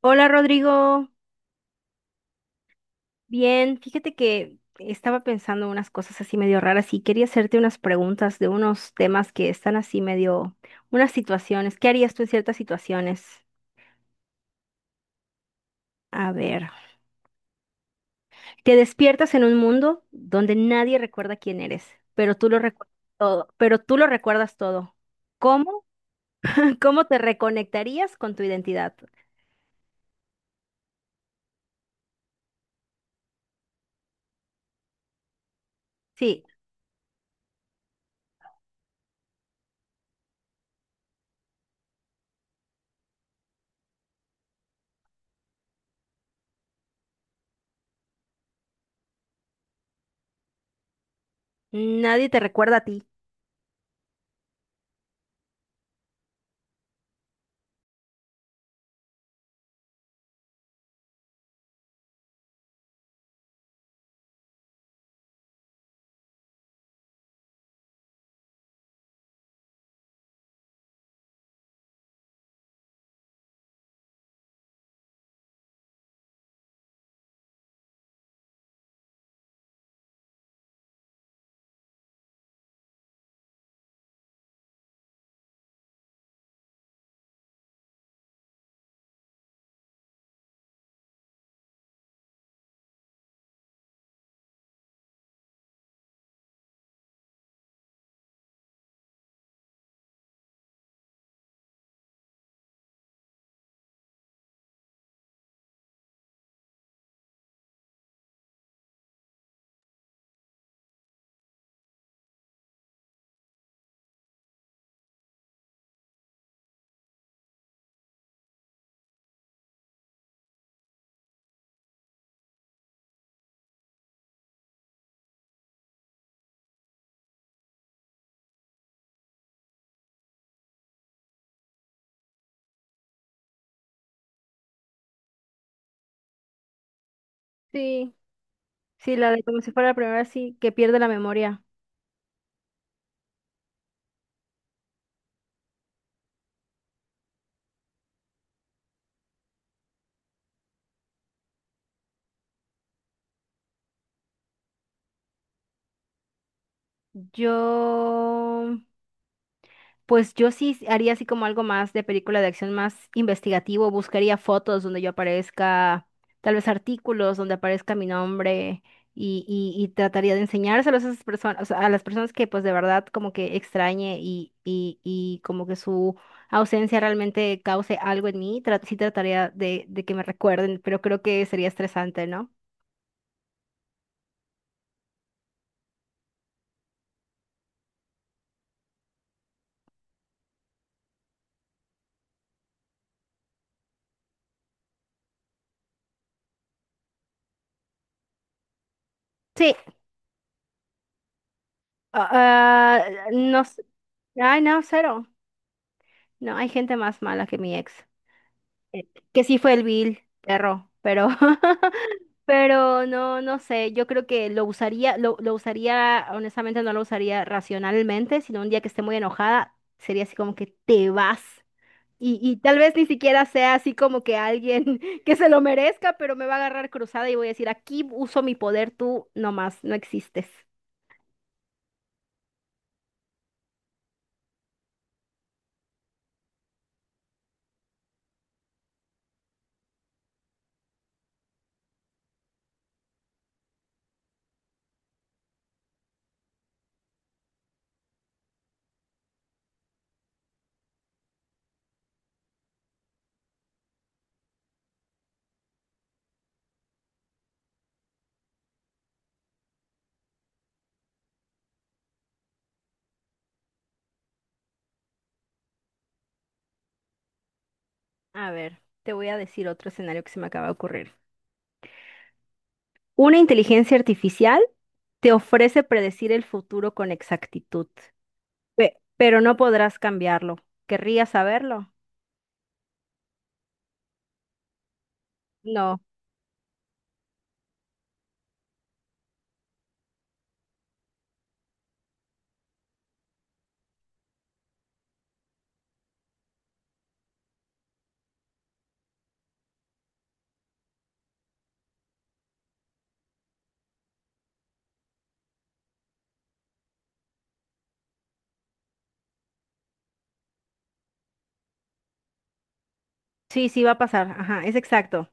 Hola, Rodrigo. Bien, fíjate que estaba pensando unas cosas así medio raras y quería hacerte unas preguntas de unos temas que están así medio, unas situaciones. ¿Qué harías tú en ciertas situaciones? A ver, te despiertas en un mundo donde nadie recuerda quién eres, pero tú lo recuerdas todo, pero tú lo recuerdas todo. ¿Cómo? ¿Cómo te reconectarías con tu identidad? Sí, nadie te recuerda a ti. Sí, sí, la de como si fuera la primera, sí, que pierde la memoria. Yo, pues yo sí haría así como algo más de película de acción más investigativo, buscaría fotos donde yo aparezca, tal vez artículos donde aparezca mi nombre y trataría de enseñárselos a esas personas, o sea, a las personas que pues de verdad como que extrañe y como que su ausencia realmente cause algo en mí, sí trataría de que me recuerden, pero creo que sería estresante, ¿no? Sí, ah, ah, no, ay no, cero. No, hay gente más mala que mi ex. eh, Que sí fue el vil perro, pero, pero no, no sé. Yo creo que lo usaría, lo usaría, honestamente no lo usaría racionalmente, sino un día que esté muy enojada, sería así como que te vas. Y tal vez ni siquiera sea así como que alguien que se lo merezca, pero me va a agarrar cruzada y voy a decir, aquí uso mi poder, tú nomás, no existes. A ver, te voy a decir otro escenario que se me acaba de ocurrir. Una inteligencia artificial te ofrece predecir el futuro con exactitud, pero no podrás cambiarlo. ¿Querrías saberlo? No. Sí, sí va a pasar. Ajá, es exacto.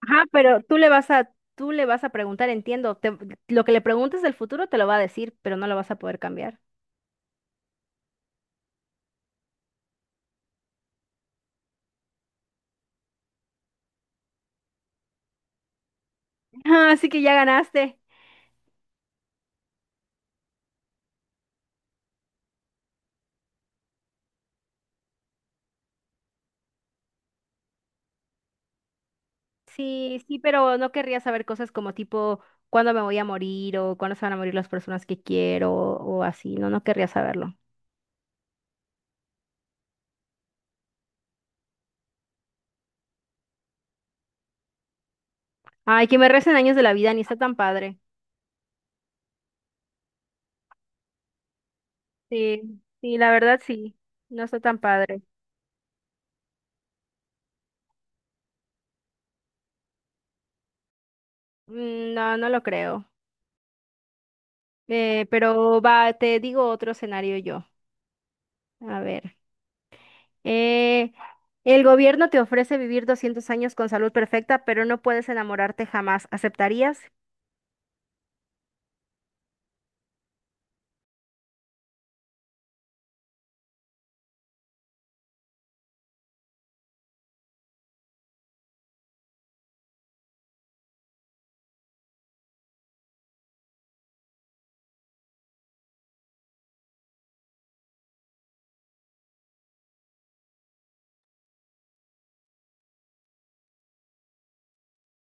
Ajá, pero tú le vas a, tú le vas a preguntar, entiendo. Lo que le preguntes del futuro te lo va a decir, pero no lo vas a poder cambiar. Ah, así que ya ganaste. Sí, sí, pero no querría saber cosas como tipo cuándo me voy a morir o cuándo se van a morir las personas que quiero o así. No, no querría saberlo. Ay, que me recen años de la vida, ni está tan padre. Sí, sí, la verdad sí, no está tan padre. Mm, no, no lo creo. Pero va, te digo otro escenario yo. A ver. Eh, el gobierno te ofrece vivir 200 años con salud perfecta, pero no puedes enamorarte jamás. ¿Aceptarías?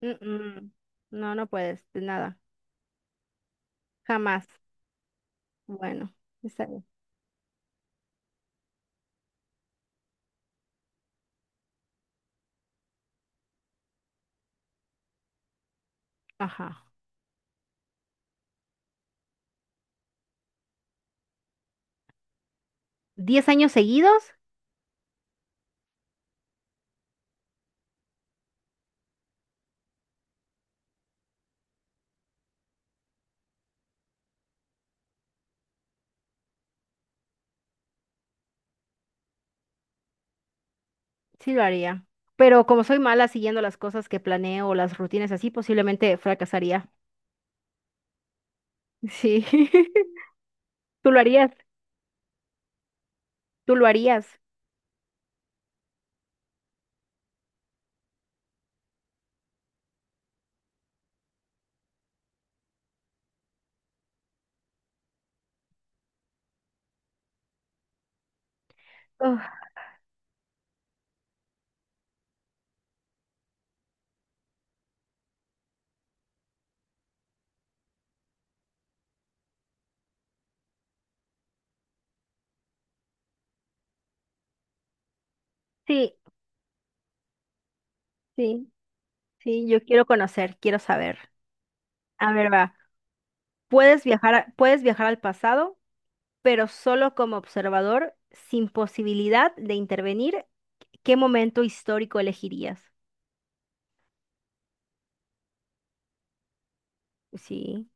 Mm-mm. No, no puedes, de nada. Jamás. Bueno, está bien. Ajá. ¿10 años seguidos? Sí lo haría. Pero como soy mala siguiendo las cosas que planeo o las rutinas así, posiblemente fracasaría. Sí. ¿Tú lo harías? ¿Tú lo harías? Uf, sí, sí. Sí, yo quiero conocer, quiero saber. A ver, va. Puedes viajar, puedes viajar al pasado, pero solo como observador, sin posibilidad de intervenir. ¿Qué momento histórico elegirías? Sí,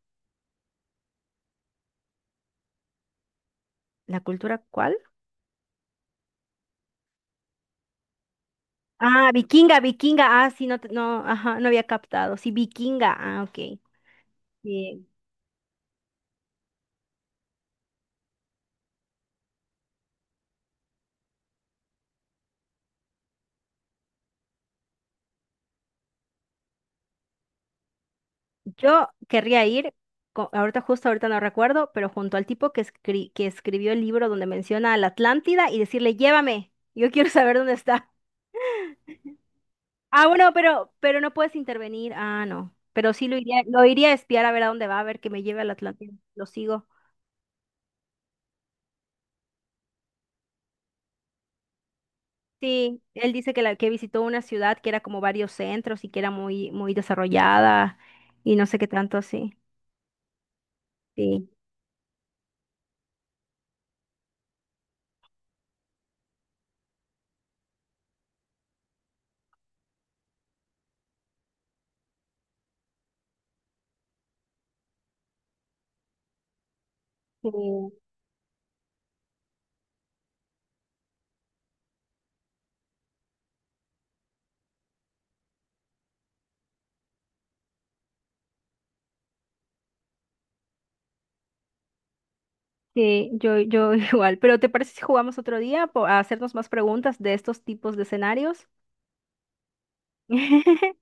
¿la cultura cuál? Ah, vikinga, vikinga. Ah, sí, no, no, ajá, no había captado. Sí, vikinga. Ah, ok. Bien. Yo querría ir, ahorita justo ahorita no recuerdo, pero junto al tipo que, que escribió el libro donde menciona a la Atlántida y decirle, llévame, yo quiero saber dónde está. Ah, bueno, pero no puedes intervenir. Ah, no. Pero sí lo iría a espiar a ver a dónde va, a ver que me lleve a la Atlántida. Lo sigo. Sí, él dice que la que visitó una ciudad que era como varios centros y que era muy, muy desarrollada y no sé qué tanto así. Sí. Sí. Sí, yo igual. Pero ¿te parece si jugamos otro día a hacernos más preguntas de estos tipos de escenarios?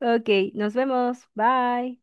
Ok, nos vemos. Bye.